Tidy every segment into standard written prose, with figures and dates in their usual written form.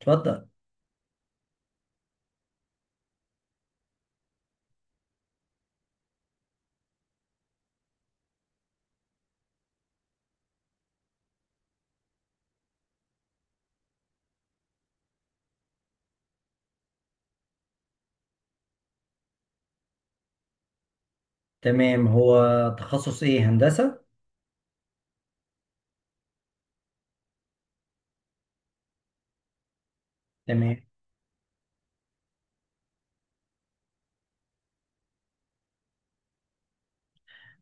اتفضل. تمام، هو تخصص ايه؟ هندسة. تمام،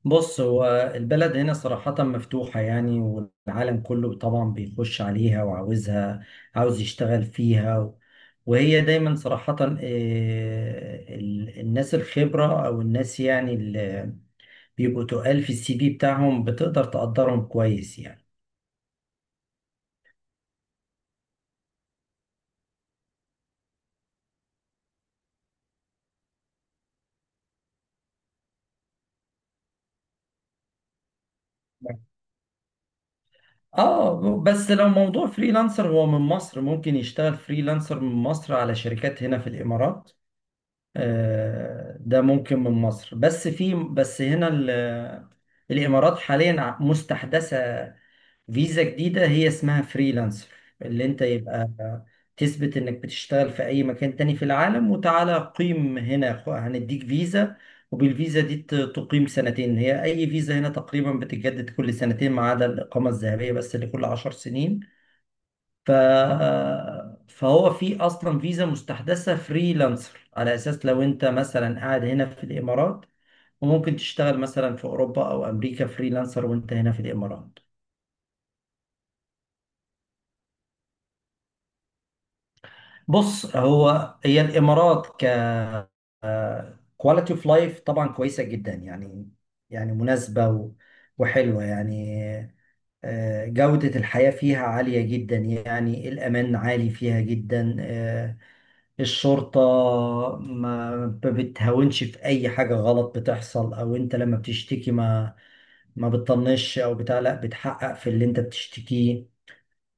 بص، هو البلد هنا صراحة مفتوحة يعني، والعالم كله طبعا بيخش عليها وعاوزها، عاوز يشتغل فيها وهي دايما صراحة، الناس الخبرة او الناس يعني اللي بيبقوا تقال في السي في بتاعهم بتقدر تقدرهم كويس يعني. اه، بس لو موضوع فريلانسر هو من مصر، ممكن يشتغل فريلانسر من مصر على شركات هنا في الامارات. ده ممكن من مصر، بس بس هنا الإمارات حاليا مستحدثة فيزا جديدة هي اسمها فريلانسر، اللي انت يبقى تثبت انك بتشتغل في اي مكان تاني في العالم وتعالى قيم هنا، هنديك فيزا. وبالفيزا دي تقيم سنتين، هي اي فيزا هنا تقريبا بتتجدد كل سنتين ما عدا الإقامة الذهبية بس اللي كل 10 سنين. ف... فهو في اصلا فيزا مستحدثه فريلانسر، على اساس لو انت مثلا قاعد هنا في الامارات وممكن تشتغل مثلا في اوروبا او امريكا فريلانسر وانت هنا في الامارات. بص، هي الامارات ككواليتي اوف لايف، طبعا كويسه جدا يعني، يعني مناسبه وحلوه يعني. جوده الحياه فيها عاليه جدا يعني، الامان عالي فيها جدا. الشرطة ما ما بتهاونش في أي حاجة غلط بتحصل، أو أنت لما بتشتكي ما بتطنش أو بتاع، لا، بتحقق في اللي أنت بتشتكيه.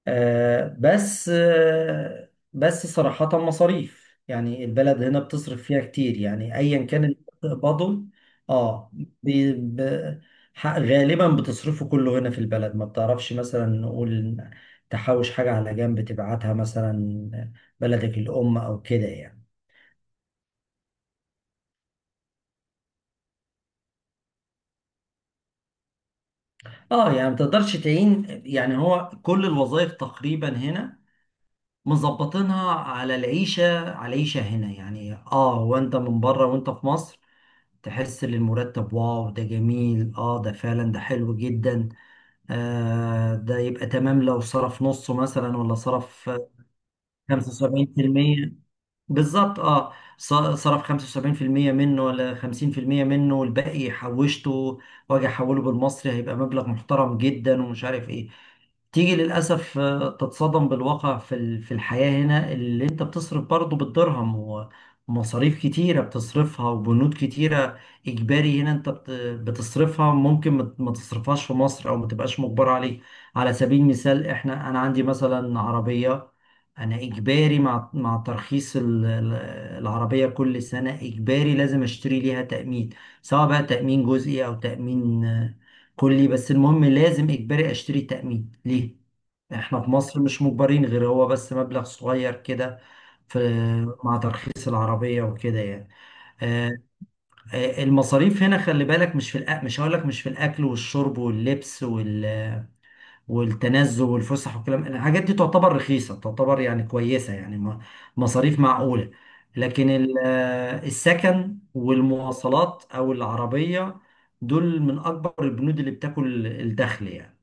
آه، بس صراحة مصاريف، يعني البلد هنا بتصرف فيها كتير يعني، أيا كان اللي بتقبضه، اه بي- ب- غالبا بتصرفه كله هنا في البلد. ما بتعرفش مثلا نقول تحوش حاجة على جنب تبعتها مثلا بلدك الأم أو كده يعني. اه، يعني ما تقدرش تعين، يعني هو كل الوظائف تقريبا هنا مظبطينها على العيشة، على العيشة هنا يعني. اه، وانت من بره وانت في مصر تحس ان المرتب، واو ده جميل، اه ده فعلا، ده حلو جدا. ده يبقى تمام لو صرف نصه مثلا ولا صرف 75%. بالظبط، اه. صرف 75% منه ولا 50% منه، والباقي حوشته، واجي احوله بالمصري هيبقى مبلغ محترم جدا، ومش عارف ايه. تيجي للأسف تتصدم بالواقع، في في الحياة هنا اللي انت بتصرف برضه بالدرهم، ومصاريف كتيرة بتصرفها، وبنود كتيرة إجباري هنا انت بتصرفها، ممكن ما تصرفهاش في مصر أو ما تبقاش مجبر عليه. على سبيل المثال، احنا أنا عندي مثلا عربية، انا اجباري مع مع ترخيص العربيه كل سنه اجباري لازم اشتري ليها تامين، سواء بقى تامين جزئي او تامين كلي، بس المهم لازم اجباري اشتري تامين ليه. احنا في مصر مش مجبرين، غير هو بس مبلغ صغير كده في مع ترخيص العربيه وكده يعني. آه، المصاريف هنا خلي بالك، مش في مش هقول لك مش في الاكل والشرب واللبس والتنزه والفسح والكلام، الحاجات دي تعتبر رخيصة، تعتبر يعني كويسة، يعني مصاريف معقولة. لكن السكن والمواصلات أو العربية، دول من أكبر البنود اللي بتاكل الدخل يعني.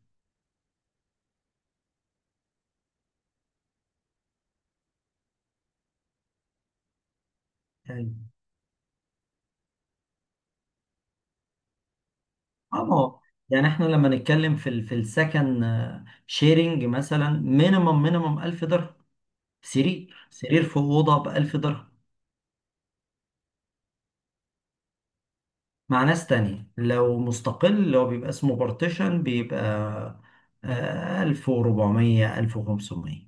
يعني اه ما هو- يعني احنا لما نتكلم في في السكن شيرنج مثلا، مينيمم 1000 درهم، سرير في أوضة ب 1000 درهم. مع ناس تانية، لو مستقل اللي هو بيبقى اسمه بارتيشن، بيبقى 1400، 1500.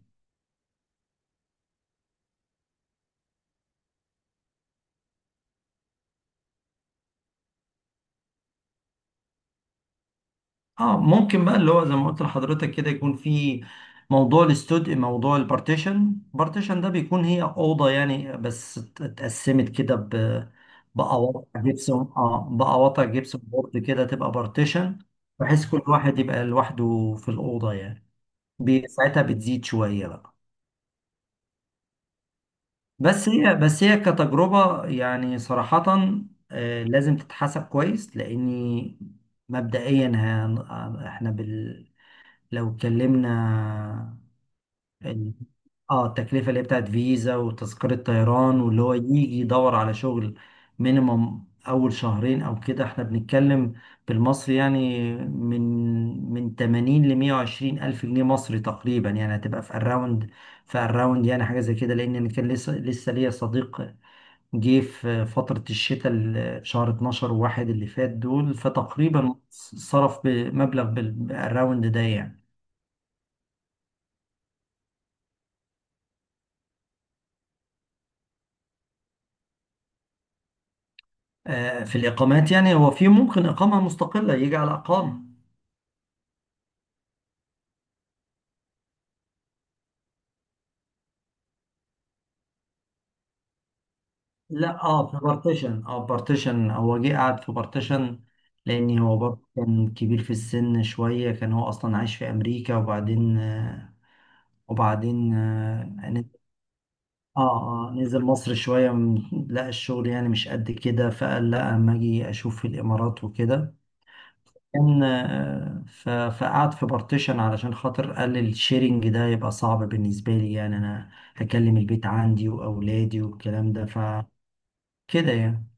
اه، ممكن بقى اللي هو زي ما قلت لحضرتك كده، يكون في موضوع الاستوديو، موضوع البارتيشن. بارتيشن ده بيكون هي أوضة يعني، بس اتقسمت كده بقواطع جبسون، اه، بقواطع جبسون بورد كده، تبقى بارتيشن، بحيث كل واحد يبقى لوحده في الأوضة يعني. ساعتها بتزيد شوية بقى. بس هي كتجربة يعني، صراحة لازم تتحسب كويس، لأني مبدئيا احنا لو اتكلمنا ال- اه التكلفة اللي هي بتاعت فيزا وتذكرة طيران واللي هو يجي يدور على شغل، مينيمم أول شهرين أو كده، احنا بنتكلم بالمصري يعني، من 80 ل 120 ألف جنيه مصري تقريبا، يعني هتبقى في الراوند، في الراوند، يعني حاجة زي كده. لأن أنا كان لسه لسه ليا صديق جه في فترة الشتاء، شهر 12 وواحد اللي فات دول، فتقريبا صرف بمبلغ بالراوند ده يعني. في الإقامات يعني، هو في ممكن إقامة مستقلة يجي على إقامة. لا، اه، في بارتيشن، اه بارتيشن، هو جه قعد في بارتيشن لأن هو برضه كان كبير في السن شوية، كان هو أصلا عايش في أمريكا وبعدين وبعدين اه اه نزل مصر شوية، لقى الشغل يعني مش قد كده، فقال لا اما اجي اشوف في الامارات وكده، كان فقعد في بارتيشن علشان خاطر قال الشيرنج ده يبقى صعب بالنسبة لي، يعني انا هكلم البيت عندي واولادي والكلام ده فكده يعني.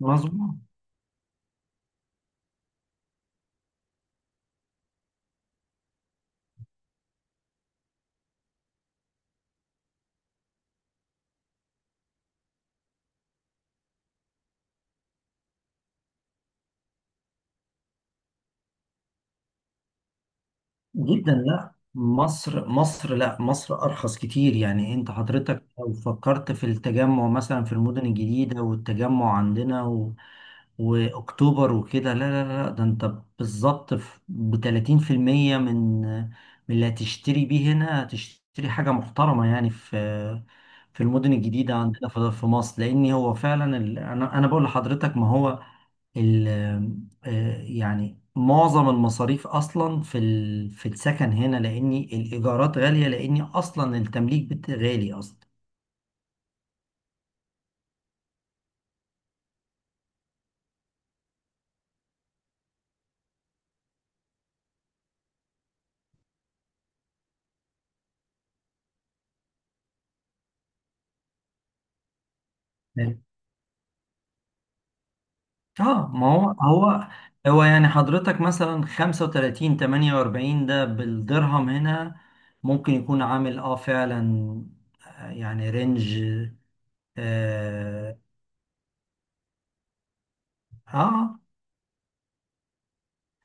مظبوط جدا. لا، مصر، لا، مصر أرخص كتير يعني. أنت حضرتك لو فكرت في التجمع مثلا في المدن الجديدة، والتجمع عندنا وأكتوبر وكده، لا لا لا، ده أنت بالظبط ب 30% من من اللي هتشتري بيه هنا، هتشتري حاجة محترمة يعني في المدن الجديدة عندنا في في مصر. لأن هو فعلا أنا بقول لحضرتك، ما هو ال آه، يعني معظم المصاريف اصلا في في السكن هنا، لاني الايجارات غاليه، لاني اصلا التمليك غالي اصلا. اه، ما هو يعني حضرتك مثلا 35 48، ده بالدرهم هنا ممكن يكون عامل اه، فعلا، يعني رينج، اه, آه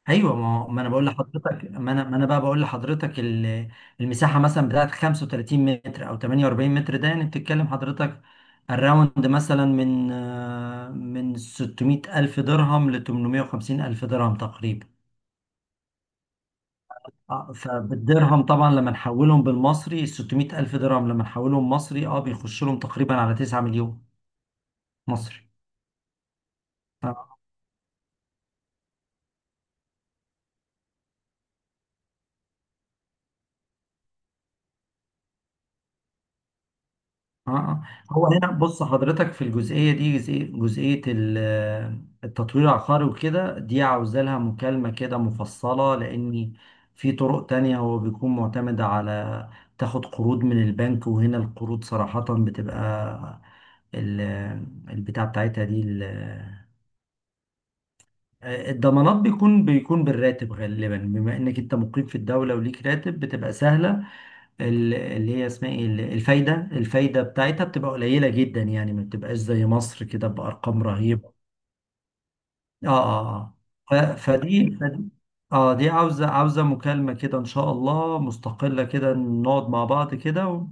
ايوه. ما انا بقى بقول لحضرتك، المساحه مثلا بتاعت 35 متر او 48 متر، ده يعني بتتكلم حضرتك، الراوند مثلا من 600 الف درهم ل 850 الف درهم تقريبا. فبالدرهم طبعا لما نحولهم بالمصري 600 الف درهم، لما نحولهم مصري، اه، بيخش لهم تقريبا على 9 مليون مصري. اه. هو هنا، بص حضرتك، في الجزئيه دي، جزئيه التطوير العقاري وكده، دي عاوزه لها مكالمه كده مفصله، لان في طرق تانية هو بيكون معتمد على تاخد قروض من البنك. وهنا القروض صراحه، بتبقى ال- البتاع بتاعتها دي ال- الضمانات، بيكون بالراتب غالبا، بما انك انت مقيم في الدوله وليك راتب، بتبقى سهله. اللي هي اسمها ايه، الفايده. الفايده بتاعتها بتبقى قليله جدا يعني، ما بتبقاش زي مصر كده بارقام رهيبه. اه، اه. فدي، اه، دي عاوزه مكالمه كده ان شاء الله مستقله، كده نقعد مع بعض كده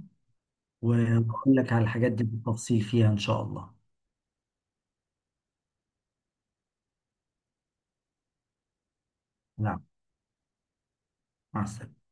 واقول لك على الحاجات دي بالتفصيل فيها ان شاء الله. نعم. مع السلامه.